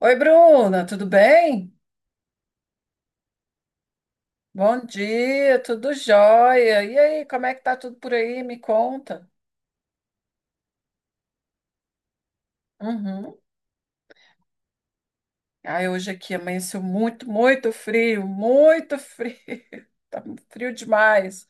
Oi, Bruna, tudo bem? Bom dia, tudo jóia. E aí, como é que tá tudo por aí? Me conta. Uhum. Ai, hoje aqui amanheceu muito, muito frio, muito frio. Tá frio demais.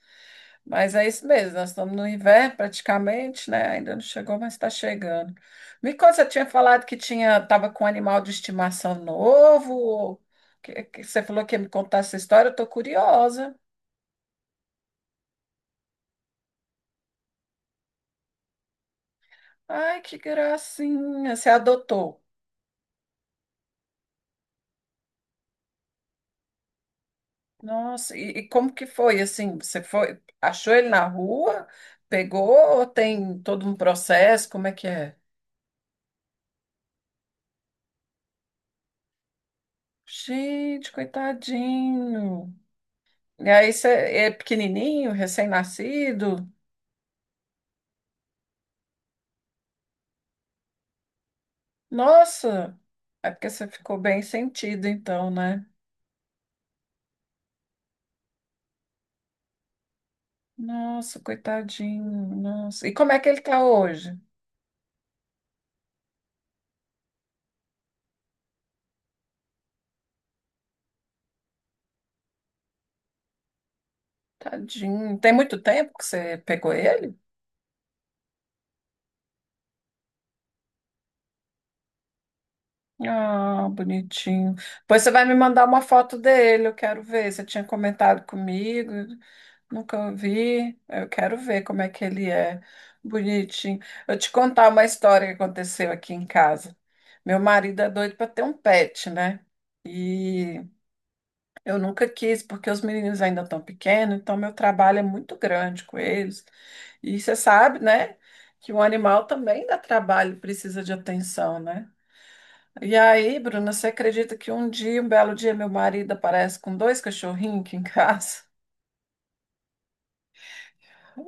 Mas é isso mesmo, nós estamos no inverno praticamente, né? Ainda não chegou, mas está chegando. Me conta, você tinha falado que tava com um animal de estimação novo? Ou Que você falou que ia me contar essa história, eu tô curiosa. Ai, que gracinha, você adotou. Nossa, e como que foi assim? Você foi, achou ele na rua, pegou ou tem todo um processo? Como é que é? Gente, coitadinho. E aí você é pequenininho, recém-nascido? Nossa, é porque você ficou bem sentido então, né? Nossa, coitadinho, nossa. E como é que ele tá hoje? Tadinho. Tem muito tempo que você pegou ele? Ah, bonitinho. Pois você vai me mandar uma foto dele, eu quero ver. Você tinha comentado comigo, nunca vi. Eu quero ver como é que ele é. Bonitinho. Eu te contar uma história que aconteceu aqui em casa. Meu marido é doido para ter um pet, né? E eu nunca quis, porque os meninos ainda estão pequenos, então meu trabalho é muito grande com eles. E você sabe, né, que um animal também dá trabalho, precisa de atenção, né? E aí, Bruna, você acredita que um dia, um belo dia, meu marido aparece com dois cachorrinhos aqui em casa?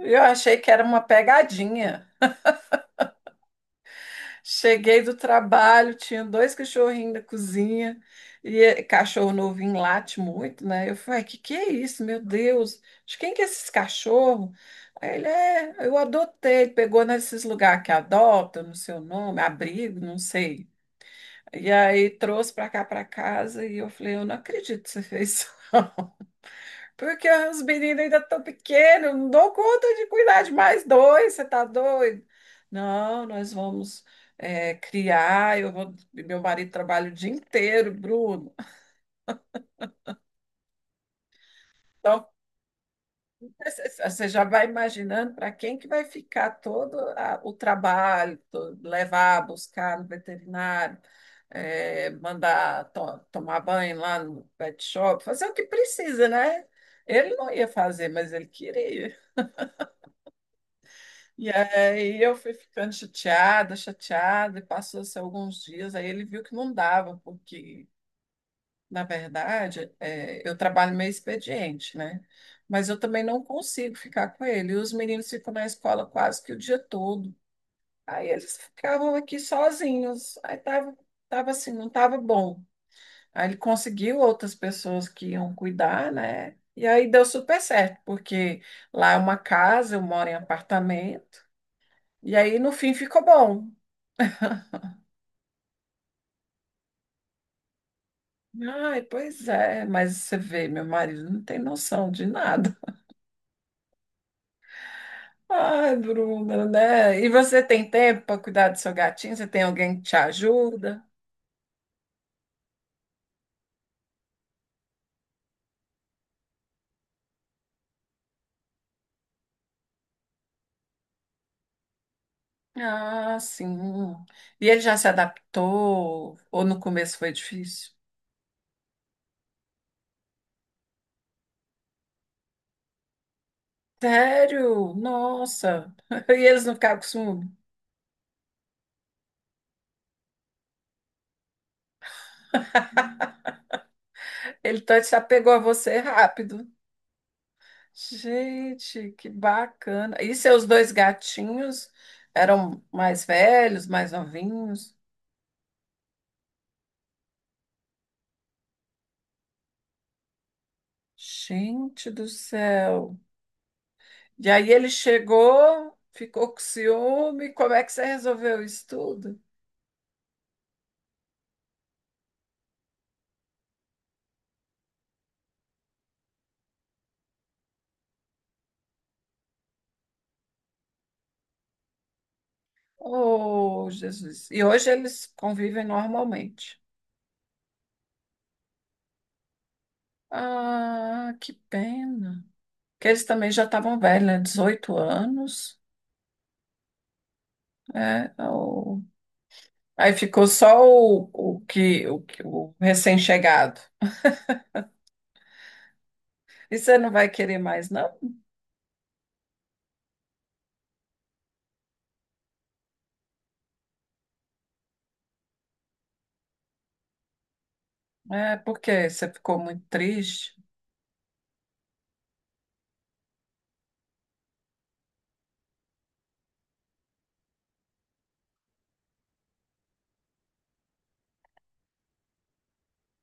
Eu achei que era uma pegadinha. Cheguei do trabalho, tinha dois cachorrinhos da cozinha, e cachorro novinho late muito, né? Eu falei, que é isso, meu Deus? De quem que é esses cachorros? Aí ele é, eu adotei, ele pegou nesses lugares que adota, não sei o nome, abrigo, não sei. E aí trouxe para cá, para casa, e eu falei, eu não acredito que você fez isso. Porque os meninos ainda estão pequenos, não dou conta de cuidar de mais dois, você tá doido? Não, nós vamos criar, eu vou, meu marido trabalha o dia inteiro, Bruno. Então, você já vai imaginando para quem que vai ficar todo o trabalho, levar, buscar no veterinário, mandar tomar banho lá no pet shop, fazer o que precisa, né? Ele não ia fazer, mas ele queria. E aí eu fui ficando chateada, chateada, e passou-se alguns dias, aí ele viu que não dava, porque, na verdade, eu trabalho meio expediente, né? Mas eu também não consigo ficar com ele. E os meninos ficam na escola quase que o dia todo. Aí eles ficavam aqui sozinhos. Aí tava assim, não tava bom. Aí ele conseguiu outras pessoas que iam cuidar, né? E aí deu super certo, porque lá é uma casa, eu moro em apartamento. E aí, no fim, ficou bom. Ai, pois é, mas você vê, meu marido não tem noção de nada. Ai, Bruna, né? E você tem tempo para cuidar do seu gatinho? Você tem alguém que te ajuda? Ah, sim. E ele já se adaptou? Ou no começo foi difícil? Sério? Nossa. E eles não ficaram com ciúme? Se apegou a você rápido. Gente, que bacana. E seus dois gatinhos eram mais velhos, mais novinhos? Gente do céu. E aí ele chegou, ficou com ciúme. Como é que você resolveu isso tudo? Oh, Jesus. E hoje eles convivem normalmente. Ah, que pena. Que eles também já estavam velhos, né? 18 anos. É, aí ficou só o o recém-chegado. E você não vai querer mais, não? É porque você ficou muito triste.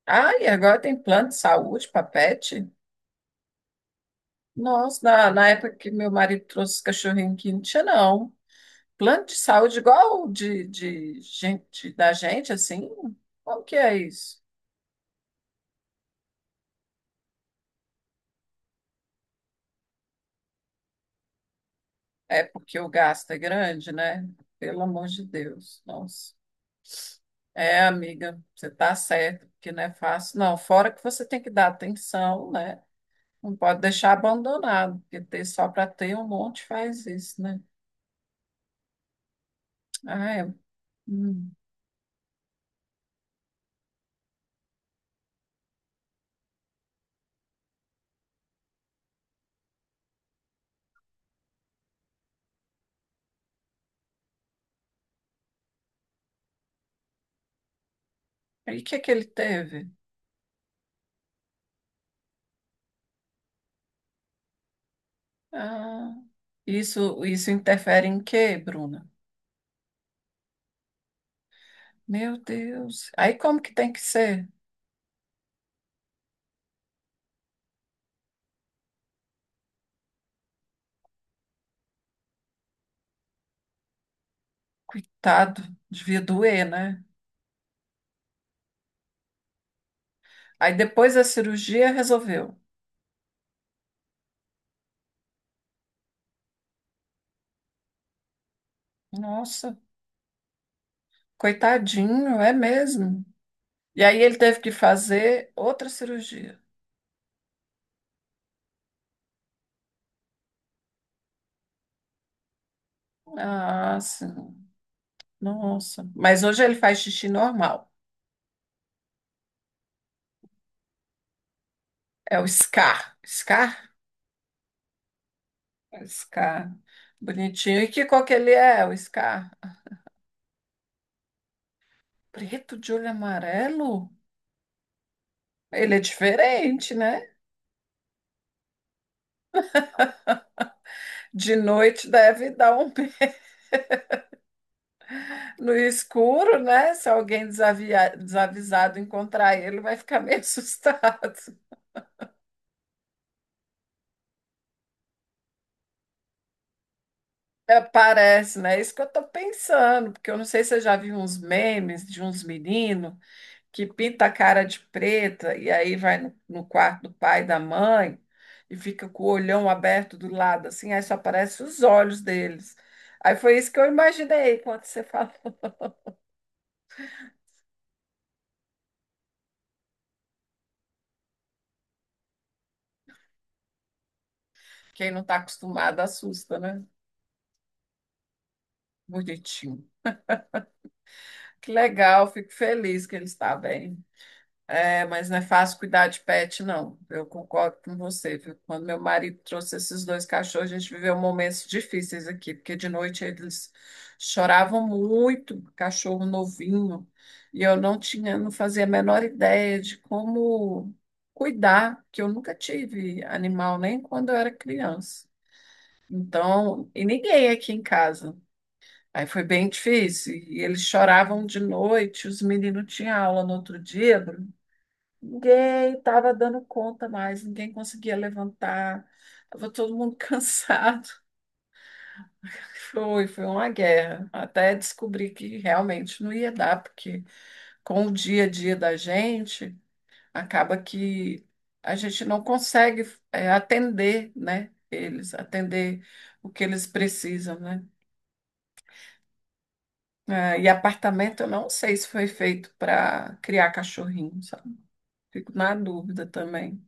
Ah, e agora tem plano de saúde para pet? Nossa, na época que meu marido trouxe os cachorrinhos aqui, não tinha, não. Plano de saúde igual o de gente, da gente, assim? Como que é isso? É porque o gasto é grande, né? Pelo amor de Deus. Nossa. É, amiga, você está certo, que não é fácil, não. Fora que você tem que dar atenção, né? Não pode deixar abandonado, porque ter só para ter um monte faz isso, né? Ah, é. Hum. E o que que ele teve? Ah, isso interfere em quê, Bruna? Meu Deus. Aí como que tem que ser? Coitado, devia doer, né? Aí depois da cirurgia resolveu. Nossa, coitadinho, é mesmo. E aí ele teve que fazer outra cirurgia. Ah, sim. Nossa. Mas hoje ele faz xixi normal. É o Scar. Scar, Scar. Bonitinho. E que cor que ele é, o Scar? Preto de olho amarelo? Ele é diferente, né? De noite deve dar um no escuro, né? Se alguém desavisado encontrar ele, vai ficar meio assustado. É, parece, né? É isso que eu tô pensando, porque eu não sei se você já viu uns memes de uns meninos que pinta a cara de preta e aí vai no, quarto do pai e da mãe e fica com o olhão aberto do lado, assim, aí só aparecem os olhos deles. Aí foi isso que eu imaginei quando você falou. Quem não está acostumado assusta, né? Bonitinho. Que legal, fico feliz que ele está bem. É, mas não é fácil cuidar de pet, não. Eu concordo com você, viu? Quando meu marido trouxe esses dois cachorros, a gente viveu momentos difíceis aqui, porque de noite eles choravam muito, cachorro novinho, e eu não tinha, não fazia a menor ideia de como cuidar, porque eu nunca tive animal, nem quando eu era criança. Então, e ninguém aqui em casa. Aí foi bem difícil. E eles choravam de noite, os meninos tinham aula no outro dia, Bruno. Ninguém estava dando conta mais, ninguém conseguia levantar, estava todo mundo cansado. Foi uma guerra, até descobrir que realmente não ia dar, porque com o dia a dia da gente, acaba que a gente não consegue atender, né, eles, atender o que eles precisam, né? É, e apartamento, eu não sei se foi feito para criar cachorrinho, sabe? Fico na dúvida também.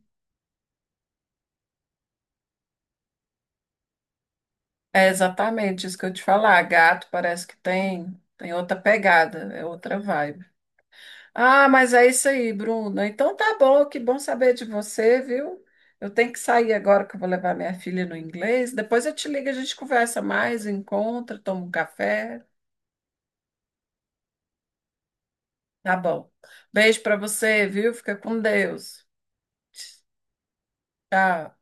É exatamente isso que eu te falar. Gato parece que tem outra pegada, é outra vibe. Ah, mas é isso aí, Bruno. Então tá bom, que bom saber de você, viu? Eu tenho que sair agora que eu vou levar minha filha no inglês. Depois eu te ligo, a gente conversa mais, encontra, toma um café. Tá bom. Beijo pra você, viu? Fica com Deus. Tchau.